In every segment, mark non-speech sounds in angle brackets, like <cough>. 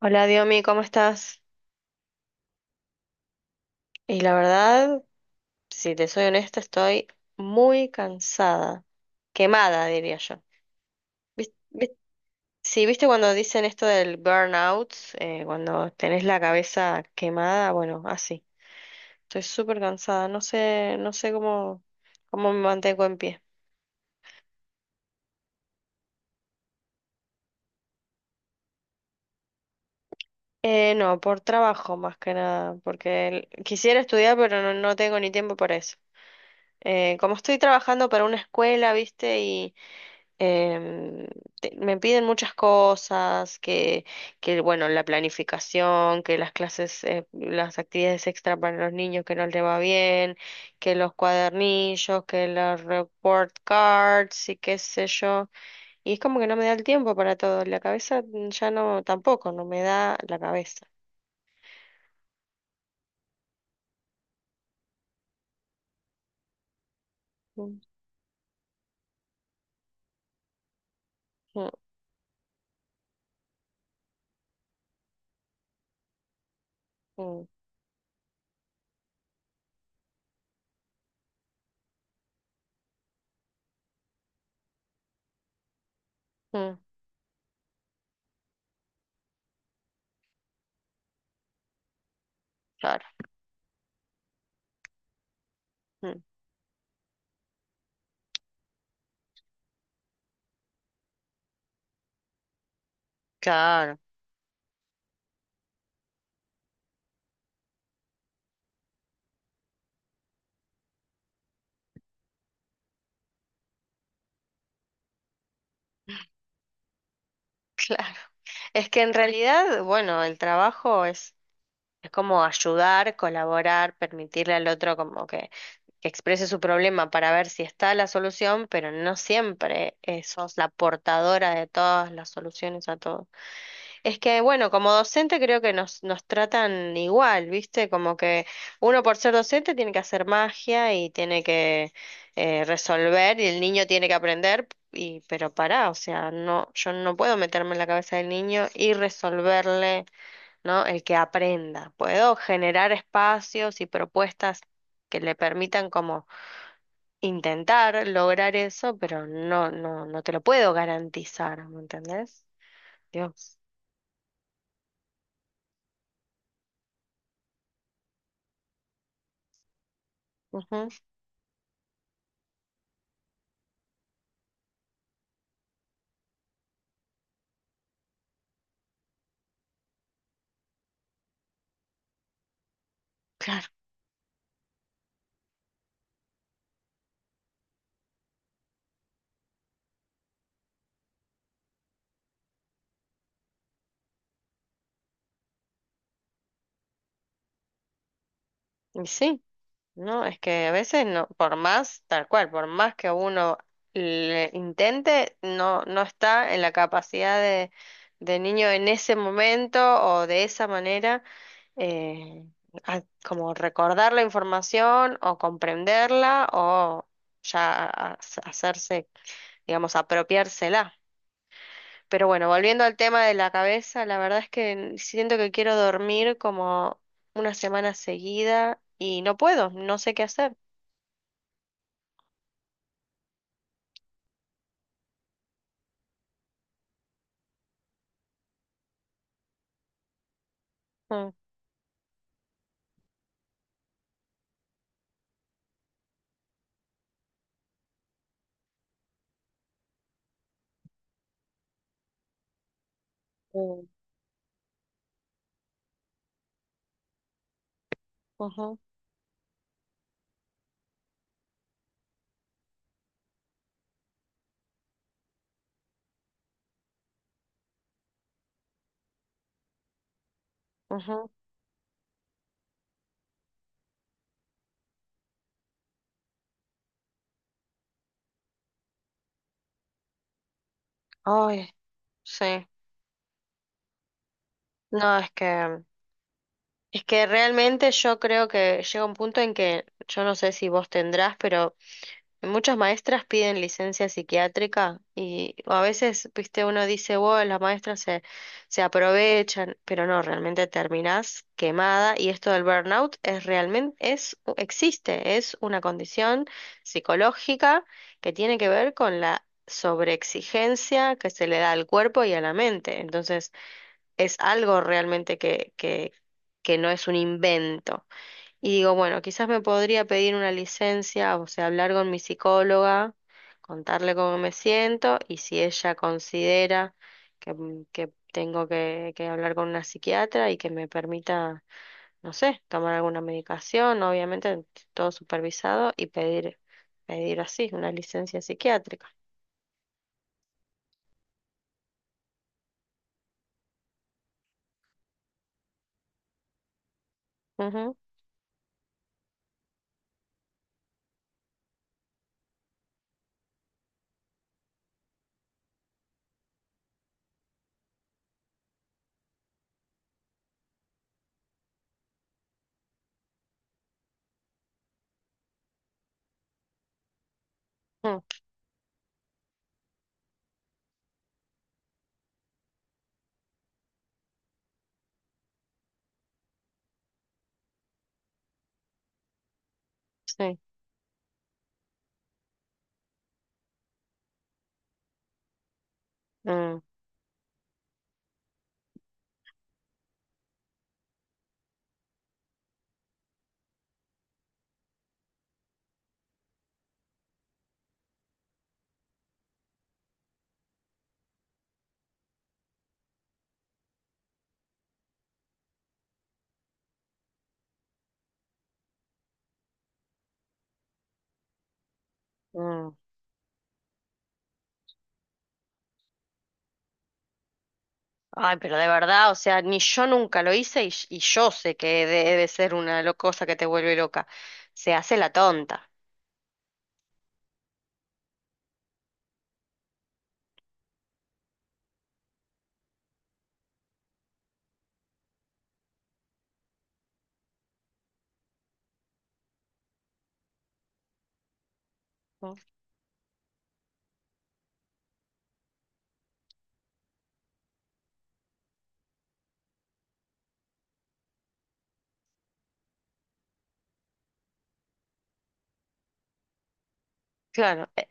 Hola Diomi, ¿cómo estás? Y la verdad, si te soy honesta, estoy muy cansada, quemada, diría yo. ¿Vis- vis- Sí, viste cuando dicen esto del burnout. Cuando tenés la cabeza quemada, bueno, así. Estoy súper cansada, no sé cómo, me mantengo en pie. No, por trabajo más que nada, porque quisiera estudiar, pero no tengo ni tiempo para eso. Como estoy trabajando para una escuela, viste, em, me piden muchas cosas, que bueno, la planificación, que las clases, las actividades extra para los niños que no les va bien, que los cuadernillos, que los report cards y qué sé yo. Y es como que no me da el tiempo para todo. La cabeza ya no, tampoco, no me da la cabeza. Mm, mm, mm, mm, claro, mm, claro, <laughs> claro. Es que en realidad, bueno, el trabajo es como ayudar, colaborar, permitirle al otro como que exprese su problema para ver si está la solución, pero no siempre sos la portadora de todas las soluciones a todo. Es que, bueno, como docente creo que nos tratan igual, ¿viste? Como que uno por ser docente tiene que hacer magia y tiene que resolver y el niño tiene que aprender. Y, pero pará, o sea, no, yo no puedo meterme en la cabeza del niño y resolverle. ¿No? El que aprenda. Puedo generar espacios y propuestas que le permitan como intentar lograr eso, pero no, no, no te lo puedo garantizar, ¿me entendés? Dios. Ujú, <laughs> claro. Y sí, no, es que a veces no, por más, tal cual, por más que uno le intente, no está en la capacidad de niño en ese momento o de esa manera eh, como recordar la información o comprenderla o ya hacerse, digamos, apropiársela. Pero bueno, volviendo al tema de la cabeza, la verdad es que siento que quiero dormir como una semana seguida y no puedo, no sé qué hacer. Mm, mm, ujú, ujú. Ay, sí. No, es que realmente yo creo que llega un punto en que yo no sé si vos tendrás, pero muchas maestras piden licencia psiquiátrica y a veces, viste, uno dice, wow, las maestras se aprovechan, pero no, realmente terminás quemada y esto del burnout es realmente, existe, es una condición psicológica que tiene que ver con la sobreexigencia que se le da al cuerpo y a la mente. Entonces, es algo realmente que no es un invento. Y digo, bueno, quizás me podría pedir una licencia, o sea, hablar con mi psicóloga, contarle cómo me siento y si ella considera que tengo que hablar con una psiquiatra y que me permita, no sé, tomar alguna medicación, obviamente todo supervisado y pedir, pedir así, una licencia psiquiátrica. Ujú, mm, sí, mm, mm. Ay, pero de verdad, o sea, ni yo nunca lo hice y yo sé que debe ser una cosa que te vuelve loca. Se hace la tonta. ¿No? Claro.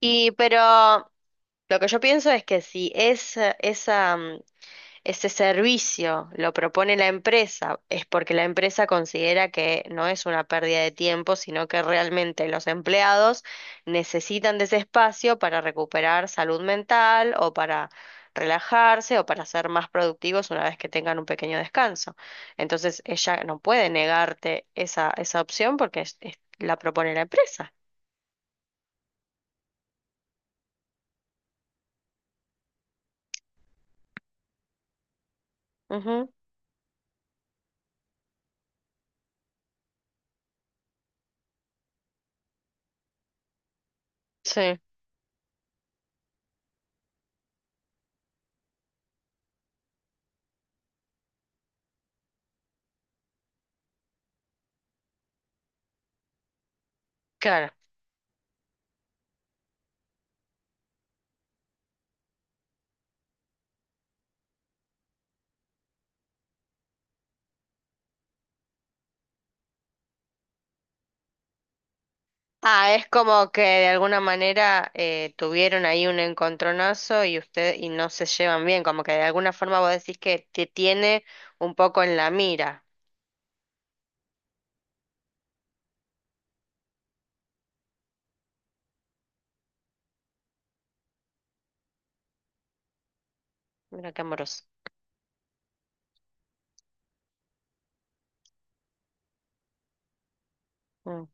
Y pero lo que yo pienso es que si es esa Ese servicio lo propone la empresa, es porque la empresa considera que no es una pérdida de tiempo, sino que realmente los empleados necesitan de ese espacio para recuperar salud mental o para relajarse o para ser más productivos una vez que tengan un pequeño descanso. Entonces ella no puede negarte esa opción porque la propone la empresa. Ujú, sí, claro. Ah, es como que de alguna manera tuvieron ahí un encontronazo y usted y no se llevan bien, como que de alguna forma vos decís que te tiene un poco en la mira. Mira qué amoroso. Mm.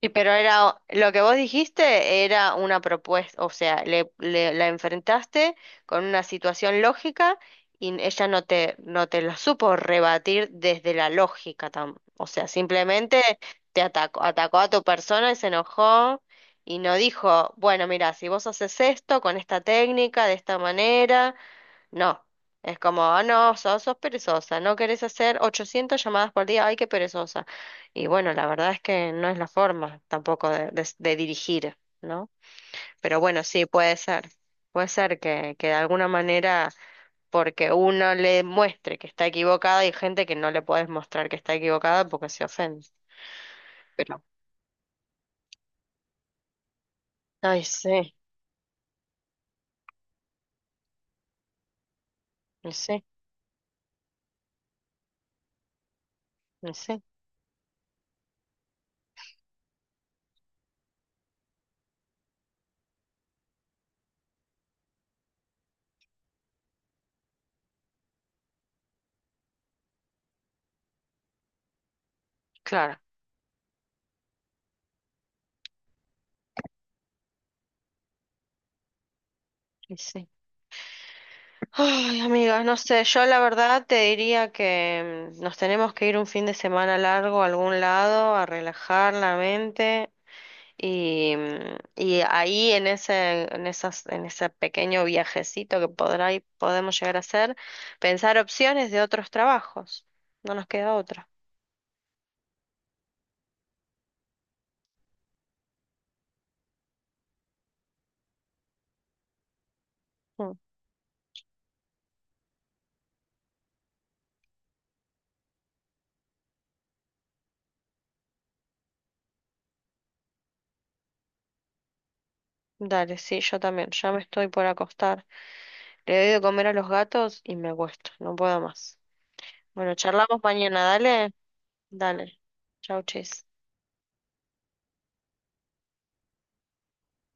Y pero era, lo que vos dijiste era una propuesta, o sea, la enfrentaste con una situación lógica y ella no te lo supo rebatir desde la lógica, o sea, simplemente te atacó, atacó a tu persona y se enojó y no dijo, bueno, mira, si vos haces esto con esta técnica, de esta manera. No, es como, ah, no, sos perezosa, no querés hacer 800 llamadas por día, ay, qué perezosa. Y bueno, la verdad es que no es la forma tampoco de dirigir, ¿no? Pero bueno, sí, puede ser que de alguna manera, porque uno le muestre que está equivocada, hay gente que no le puedes mostrar que está equivocada porque se ofende. Pero, ay, sí, y sí, y sí, claro, y sí. Ay, amiga, no sé, yo la verdad te diría que nos tenemos que ir un fin de semana largo a algún lado a relajar la mente y ahí en en ese pequeño viajecito que podrá y podemos llegar a hacer, pensar opciones de otros trabajos. No nos queda otra. Mm. Dale, sí, yo también, ya me estoy por acostar. Le doy de comer a los gatos y me acuesto, no puedo más. Bueno, charlamos mañana, dale, dale. Chau, chis.